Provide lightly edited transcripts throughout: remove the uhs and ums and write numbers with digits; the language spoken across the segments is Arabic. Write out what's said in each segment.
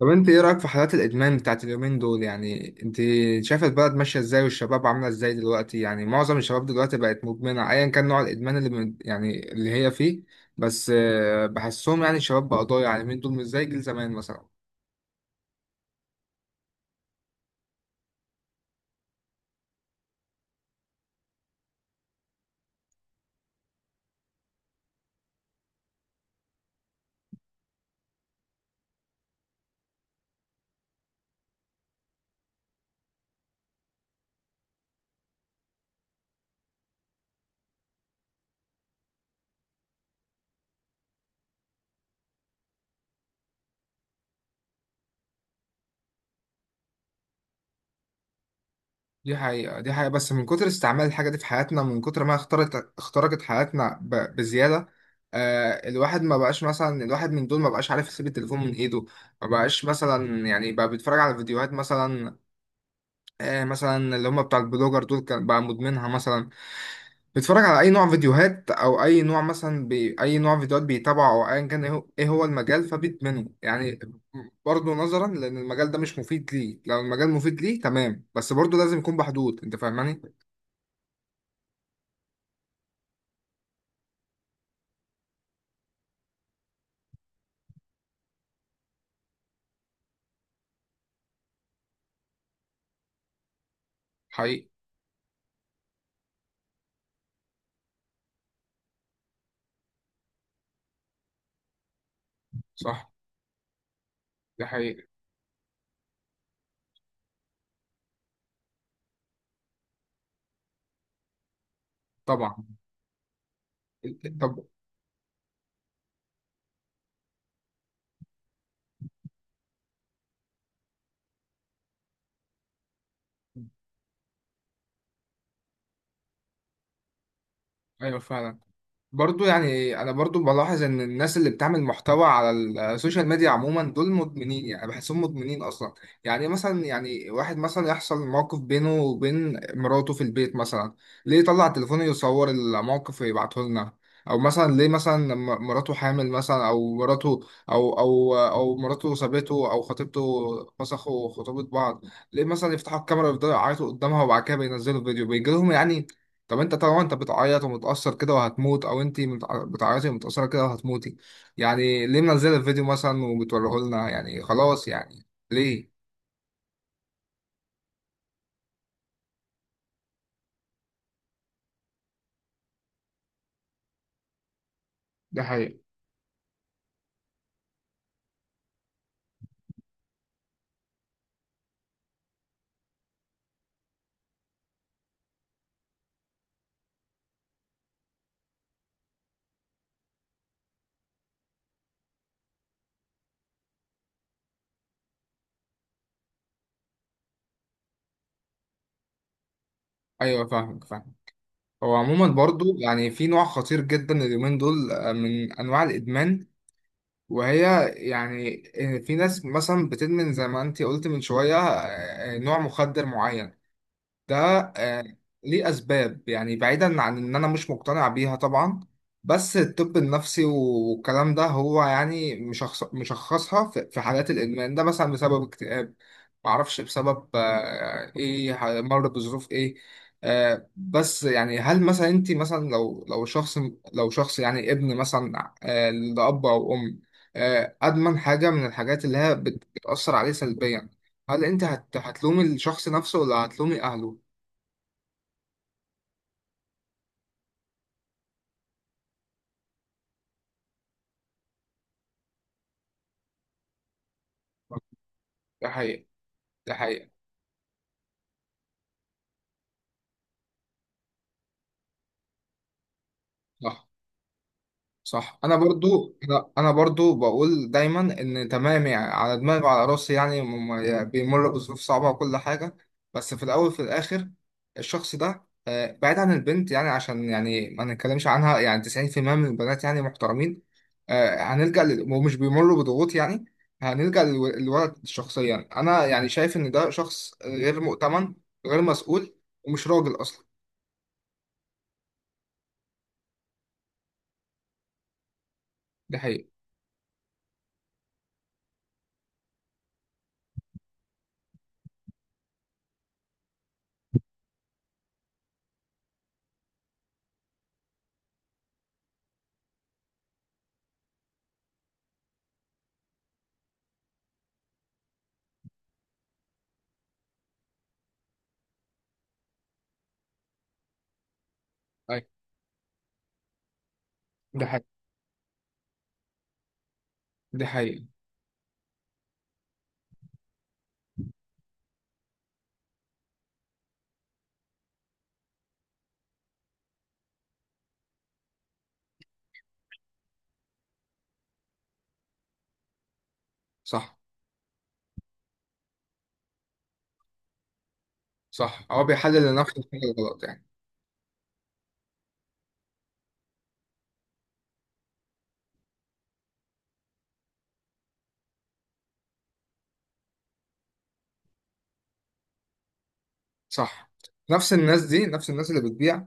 طب انت ايه رأيك في حالات الادمان بتاعت اليومين دول؟ يعني انت شايفة البلد ماشية ازاي والشباب عاملة ازاي دلوقتي؟ يعني معظم الشباب دلوقتي بقت مدمنة ايا كان نوع الادمان اللي من يعني اللي هي فيه. بس بحسهم يعني الشباب بقى ضايع، يعني اليومين دول مش زي جيل زمان مثلا. دي حقيقة بس من كتر استعمال الحاجة دي في حياتنا، من كتر ما اخترقت حياتنا بزيادة. الواحد ما بقاش، مثلا الواحد من دول ما بقاش عارف يسيب التليفون من ايده. ما بقاش مثلا، يعني بقى بيتفرج على فيديوهات مثلا. مثلا اللي هم بتاع البلوجر دول كان بقى مدمنها مثلا. بيتفرج على اي نوع فيديوهات او اي نوع، اي نوع فيديوهات بيتابعه، او ايا كان ايه هو إيه هو المجال، فبيدمنه يعني. برضه نظرا لان المجال ده مش مفيد ليه. لو المجال مفيد ليه تمام، بس برضه لازم يكون بحدود. انت فاهماني؟ حقيقي. صح. دي حقيقة. طبعا. طب. ايوه فعلا. برضو يعني انا برضو بلاحظ ان الناس اللي بتعمل محتوى على السوشيال ميديا عموما دول مدمنين، يعني بحسهم مدمنين اصلا. يعني مثلا، يعني واحد مثلا يحصل موقف بينه وبين مراته في البيت مثلا، ليه يطلع تليفونه يصور الموقف ويبعته لنا؟ او مثلا ليه مثلا لما مراته حامل مثلا، او مراته او مراته سابته او خطيبته فسخوا خطوبة بعض، ليه مثلا يفتحوا الكاميرا ويفضلوا يعيطوا قدامها، وبعد كده بينزلوا فيديو بيجي لهم يعني؟ طب انت طبعا انت بتعيط ومتأثر كده وهتموت، او انت بتعيطي ومتأثرة كده وهتموتي، يعني ليه منزله الفيديو مثلا وبتوريه لنا يعني؟ خلاص يعني، ليه؟ ده حقيقة. ايوه، فاهمك. هو عموما برضو يعني في نوع خطير جدا اليومين دول من انواع الادمان، وهي يعني، في ناس مثلا بتدمن زي ما انت قلت من شويه، نوع مخدر معين ده. آه، ليه أسباب، يعني بعيدا عن إن أنا مش مقتنع بيها طبعا، بس الطب النفسي والكلام ده هو يعني مشخصها في حالات الإدمان ده مثلا بسبب اكتئاب، معرفش بسبب مر بظروف إيه. بس يعني هل مثلا أنت مثلا لو شخص، لو شخص يعني ابن مثلا لأب أو أم أدمن حاجة من الحاجات اللي هي بتأثر عليه سلبيا، هل أنت هتلومي الشخص نفسه ولا هتلومي أهله؟ ده حقيقة. ده حقيقة. صح. صح، انا برضو. لا انا برضو بقول دايما ان تمام، يعني على دماغي وعلى راسي، يعني يعني بيمر بظروف صعبة وكل حاجة، بس في الاول في الاخر الشخص ده بعيد عن البنت، يعني عشان يعني ما نتكلمش عنها، يعني 90% من البنات يعني محترمين هنلجأ ومش بيمروا بضغوط يعني. هنلجأ للولد شخصيا، انا يعني شايف ان ده شخص غير مؤتمن، غير مسؤول، ومش راجل اصلا. ده حقيقة. أيوة. ده حقيقة. دي حقيقة. صح. صح، هو بيحلل لنفسه الحاجة الغلط يعني. صح. نفس الناس اللي بتبيع،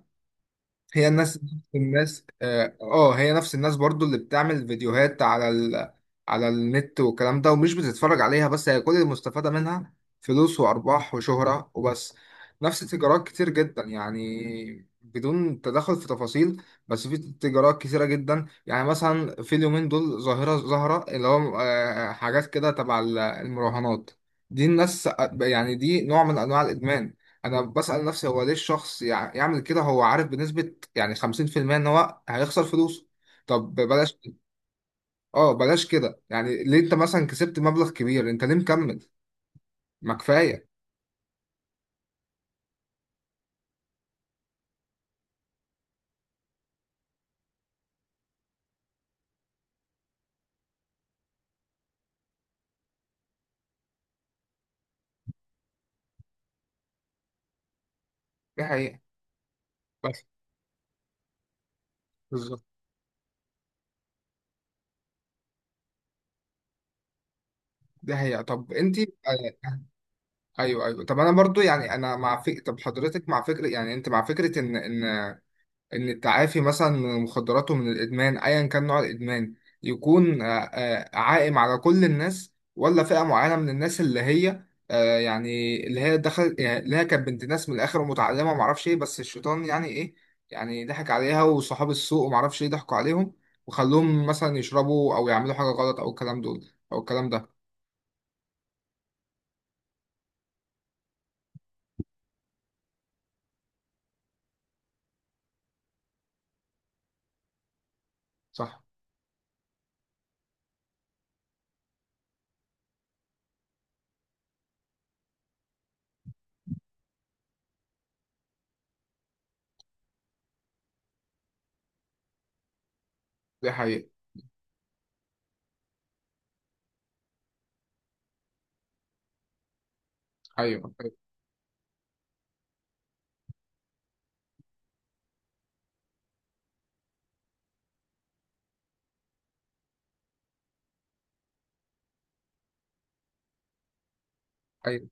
هي الناس نفس الناس اه آه، هي نفس الناس برضو اللي بتعمل فيديوهات على النت والكلام ده، ومش بتتفرج عليها، بس هي كل المستفادة منها فلوس وأرباح وشهرة وبس. نفس تجارات كتير جدا، يعني بدون تدخل في تفاصيل، بس في تجارات كتيرة جدا، يعني مثلا في اليومين دول ظاهرة، اللي هو حاجات كده تبع المراهنات دي. الناس يعني دي نوع من أنواع الإدمان. انا بسأل نفسي هو ليه الشخص يعمل كده؟ هو عارف بنسبة يعني 50% ان هو هيخسر فلوسه. طب بلاش، اه بلاش كده، يعني ليه؟ انت مثلا كسبت مبلغ كبير، انت ليه مكمل؟ ما كفايه. دي حقيقه. بس. بالظبط. دي حقيقه. طب انت. ايوه ايوه. طب انا برضو يعني انا طب حضرتك مع فكره، يعني انت مع فكره ان ان التعافي مثلا من المخدرات ومن الادمان ايا كان نوع الادمان يكون عائم على كل الناس، ولا فئة معينة من الناس اللي هي آه، يعني اللي هي دخلت، يعني اللي هي كانت بنت ناس من الاخر ومتعلمة ومعرفش ايه، بس الشيطان يعني ايه، يعني ضحك عليها، وصحاب السوق ومعرفش ايه ضحكوا عليهم وخلوهم مثلا يشربوا او يعملوا حاجة غلط، او الكلام دول او الكلام ده. صح. دي حقيقة. ايوه ايوه. أيوة.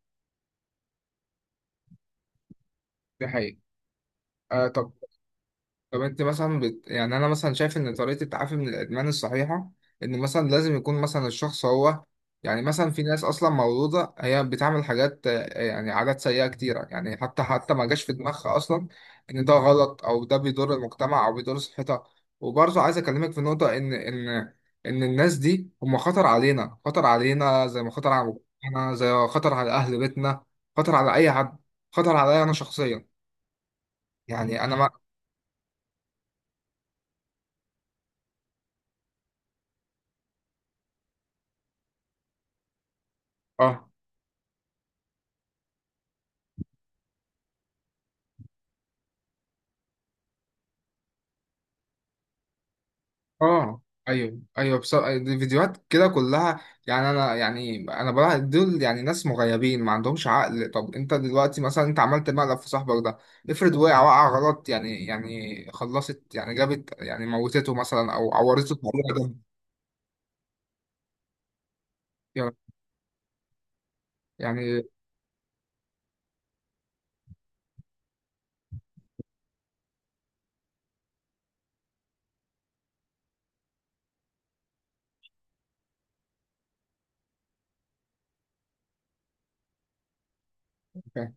دي حقيقة. آه طب. طب انت مثلا يعني انا مثلا شايف ان طريقه التعافي من الادمان الصحيحه ان مثلا لازم يكون مثلا الشخص هو، يعني مثلا في ناس اصلا مولوده هي بتعمل حاجات يعني عادات سيئه كتيره، يعني حتى ما جاش في دماغها اصلا ان ده غلط او ده بيضر المجتمع او بيضر صحتها. وبرضه عايز اكلمك في نقطه ان ان الناس دي هم خطر علينا، خطر علينا زي ما خطر على مجتمعنا زي ما خطر على اهل بيتنا، خطر على اي حد، خطر عليا انا شخصيا. يعني انا ما. اه اه. ايوه ايوه، بس دي فيديوهات كده كلها، يعني انا، يعني انا بلاحظ دول يعني ناس مغيبين ما عندهمش عقل. طب انت دلوقتي مثلا انت عملت مقلب في صاحبك ده، افرض وقع غلط، يعني يعني خلصت، يعني جابت يعني موتته مثلا، او عورته بأي حاجة. يعني. يعني.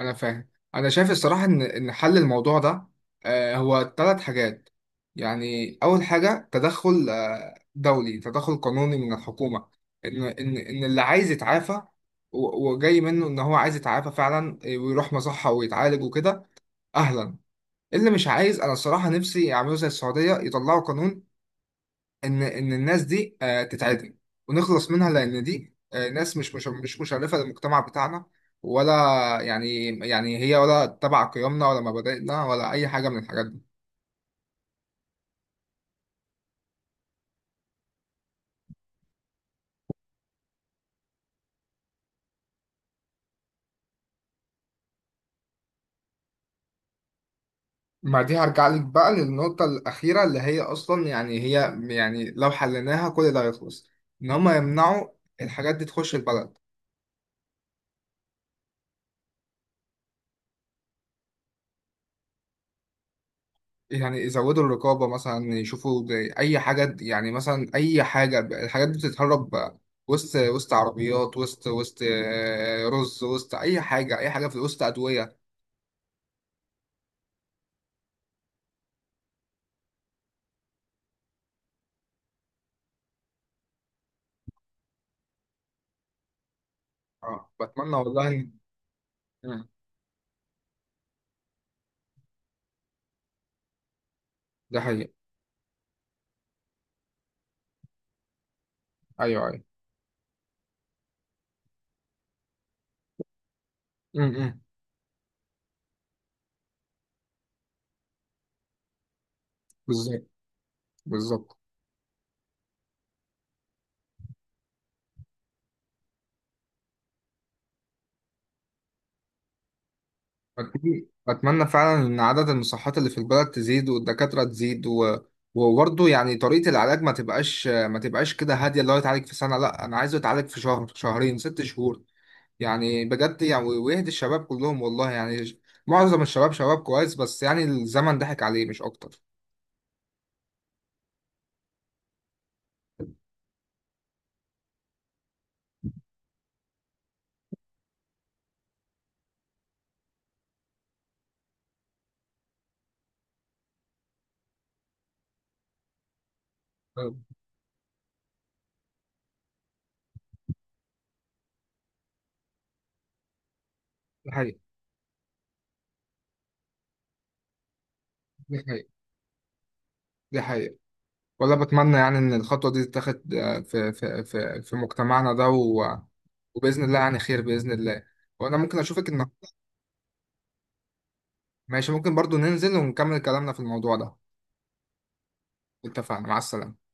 انا فاهم، انا شايف الصراحه ان ان حل الموضوع ده هو ثلاث حاجات. يعني اول حاجه تدخل دولي، تدخل قانوني من الحكومه ان ان اللي عايز يتعافى وجاي منه ان هو عايز يتعافى فعلا ويروح مصحه ويتعالج وكده، اهلا. اللي مش عايز انا الصراحه نفسي يعملوا زي السعوديه، يطلعوا قانون ان الناس دي تتعدم ونخلص منها، لان دي ناس مش مشرفه للمجتمع بتاعنا، ولا يعني، يعني هي ولا تبع قيمنا ولا مبادئنا ولا اي حاجه من الحاجات دي. مع دي هرجع لك بقى للنقطه الاخيره، اللي هي اصلا يعني هي يعني لو حليناها كل ده هيخلص: ان هم يمنعوا الحاجات دي تخش البلد. يعني يزودوا الرقابة مثلا، يشوفوا زي أي حاجة، يعني مثلا أي حاجة الحاجات دي بتتهرب وسط عربيات، وسط وسط آه، رز، وسط أي حاجة، أي حاجة في وسط أدوية. أه بتمنى والله إن. مم. ده حقيقي. أيوه أيوه. امم. بالظبط. بالظبط. أتمنى أتمنى فعلا إن عدد المصحات اللي في البلد تزيد، والدكاترة تزيد و... وبرضه يعني طريقة العلاج ما تبقاش كده هادية اللي هو يتعالج في سنة، لا أنا عايزه يتعالج في شهر، شهرين، ست شهور، يعني بجد يعني، ويهدي الشباب كلهم والله، يعني معظم الشباب شباب كويس بس يعني الزمن ضحك عليه مش أكتر. آه، دي حقيقة دي حقيقة دي حقيقة. ولا بتمنى يعني إن الخطوة دي تتاخد في مجتمعنا ده و... وبإذن الله يعني خير بإذن الله. وأنا ممكن أشوفك النهاردة. ماشي، ممكن برضو ننزل ونكمل كلامنا في الموضوع ده. اتفقنا، مع السلامة.